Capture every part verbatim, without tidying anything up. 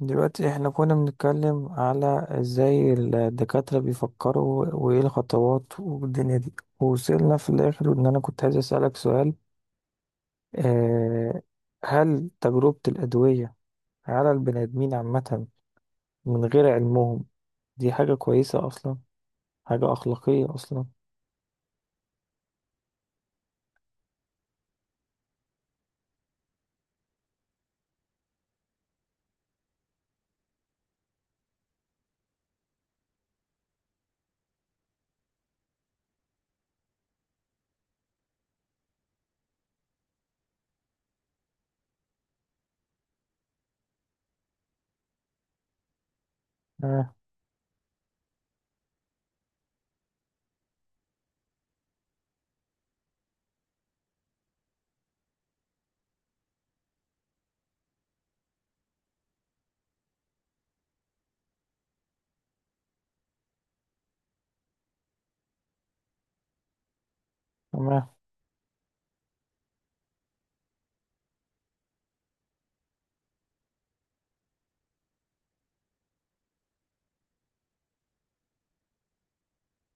دلوقتي احنا كنا بنتكلم على ازاي الدكاترة بيفكروا وايه الخطوات والدنيا دي، ووصلنا في الاخر ان انا كنت عايز اسألك سؤال. آه. هل تجربة الأدوية على البني آدمين عامة، من غير علمهم، دي حاجة كويسة أصلا؟ حاجة أخلاقية أصلا؟ آه. تمام.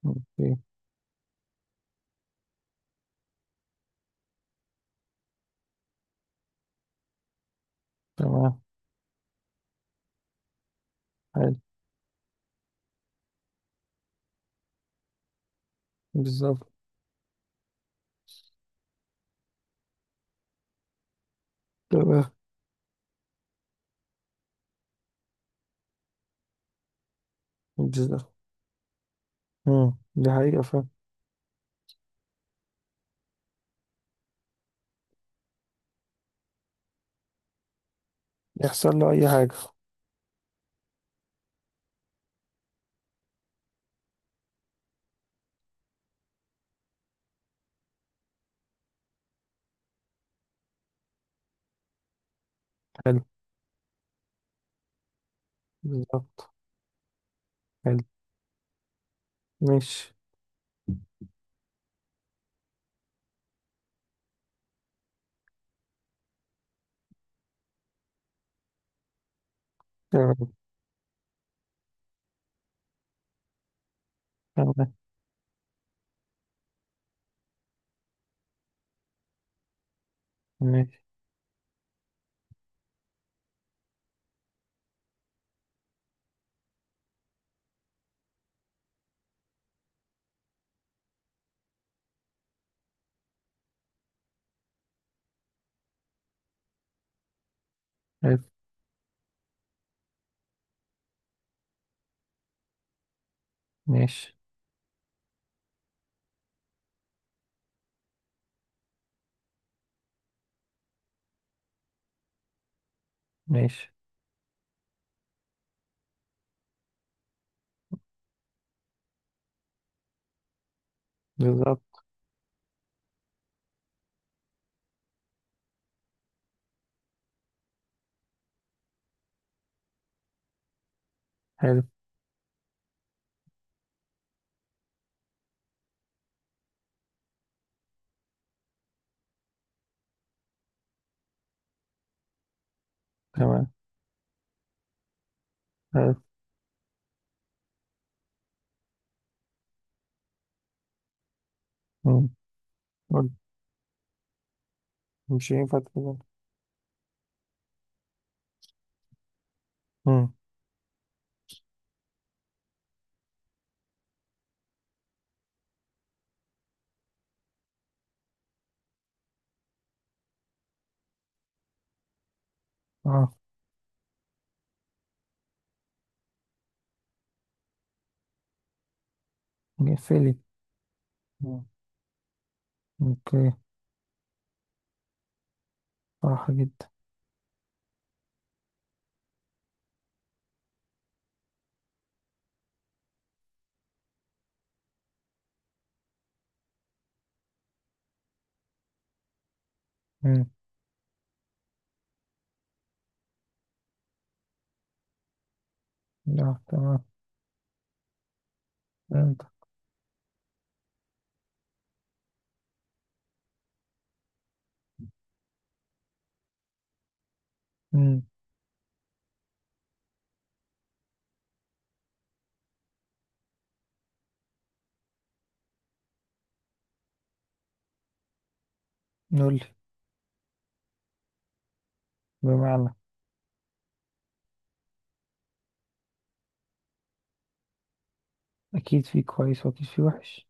أوكي. تمام. حلو. بالظبط. تمام. بالظبط. مم، دي حقيقة فعلا. يحصل له أي حاجة. حلو. بالظبط. حلو. ماشي. تمام. تمام. ماشي. حلو. ماشي. ماشي. بالظبط. حلو. تمام. حلو. مم. قول. مش هينفع تقول. مم. اه. مقفلي. مم. اوكي. صح جدا. مم. لا، تمام. فهمت. مم. نقول لي. بمعنى. اكيد في كويس واكيد في وحش.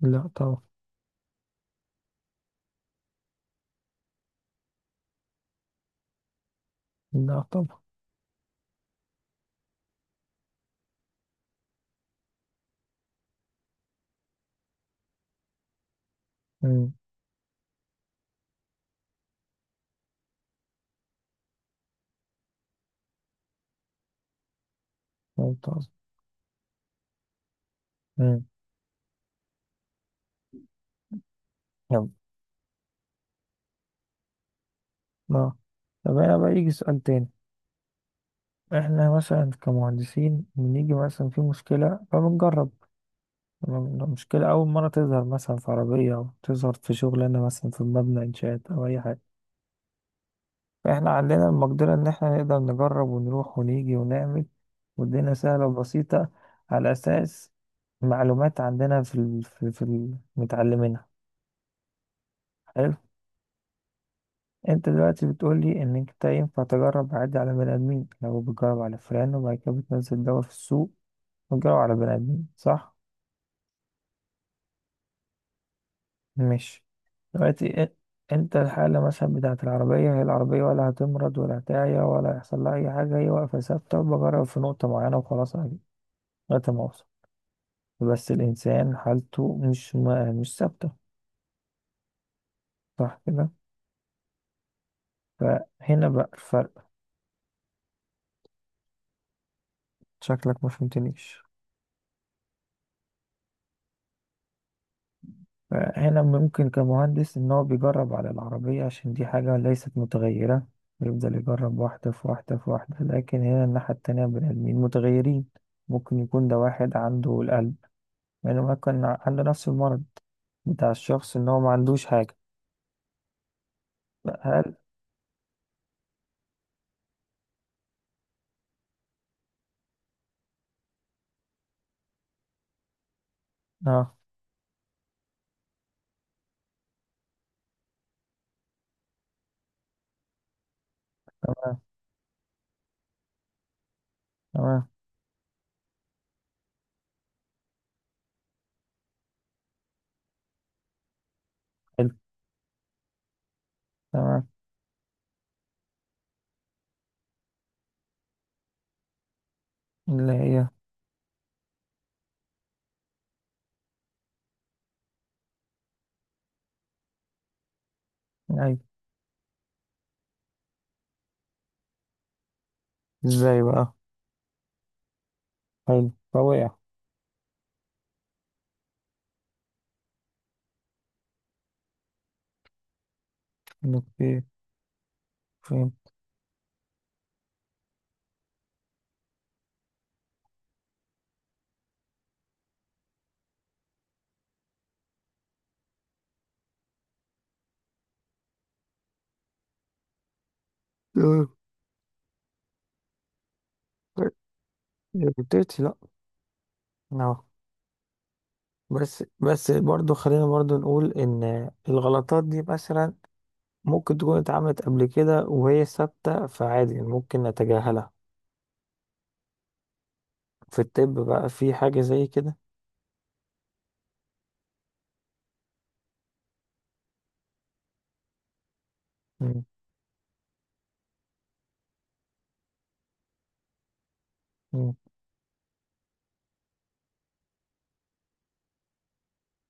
لا طبعا. لا طبعا. مم. ممتاز. مم. يلا. لا. طب انا بقى يجي سؤال تاني. احنا مثلا كمهندسين بنيجي مثلا في مشكلة فبنجرب. المشكلة أول مرة تظهر مثلا في عربية، أو تظهر في شغلانة مثلا في مبنى إنشاءات أو أي حاجة. فإحنا عندنا المقدرة إن إحنا نقدر نجرب ونروح ونيجي ونعمل، والدنيا سهلة وبسيطة، على أساس معلومات عندنا في ال... في, في ال... متعلمينها. حلو. أنت دلوقتي بتقولي إن أنت ينفع تجرب عادي على بني آدمين لو بتجرب على فئران، وبعد كده بتنزل دواء في السوق وتجرب على بني آدمين، صح؟ مش دلوقتي إ- انت الحالة مثلا بتاعة العربية، هي العربية ولا هتمرض ولا هتعيا ولا هيحصل لها أي حاجة، هي واقفة ثابتة، وبجرب في نقطة معينة وخلاص عادي لغاية ما أوصل. بس الإنسان حالته مش ما مش ثابتة، صح كده؟ فهنا بقى الفرق. شكلك ما فهمتنيش. فهنا ممكن كمهندس إن هو بيجرب على العربية عشان دي حاجة ليست متغيرة، يفضل يجرب واحدة في واحدة في واحدة، لكن هنا الناحية التانية، بني آدمين متغيرين. ممكن يكون ده واحد عنده القلب، يعني ما كان عنده نفس المرض بتاع الشخص ان هو ما عندوش حاجة. هل. اه. تمام. تمام. حلو. تمام. اللي هي. ايوه. ازاي بقى؟ حلو فوقع. اوكي. فهمت. آه. غلطتي لا. اه. بس بس برضو، خلينا برضو نقول ان الغلطات دي مثلا ممكن تكون اتعملت قبل كده وهي ثابتة، فعادي ممكن نتجاهلها. في الطب بقى في حاجة زي كده؟ مم. مم.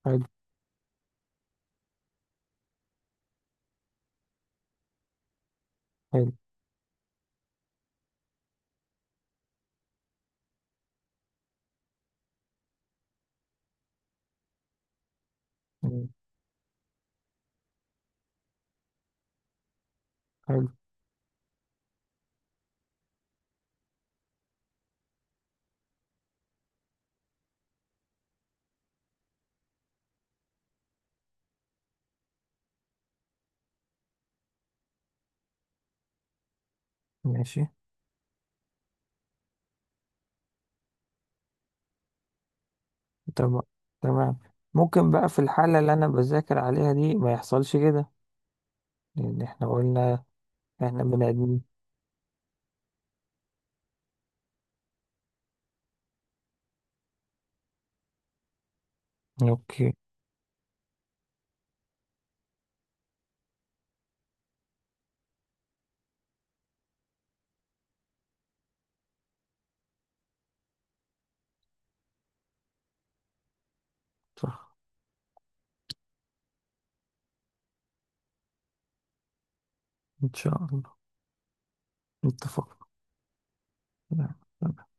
حلو. حلو. مم. حلو. ماشي. تمام. تمام. ممكن بقى في الحالة اللي أنا بذاكر عليها دي ما يحصلش كده، لأن إحنا قلنا إحنا بني آدمين. أوكي. صح. إن شاء الله. اتفقنا. نعم.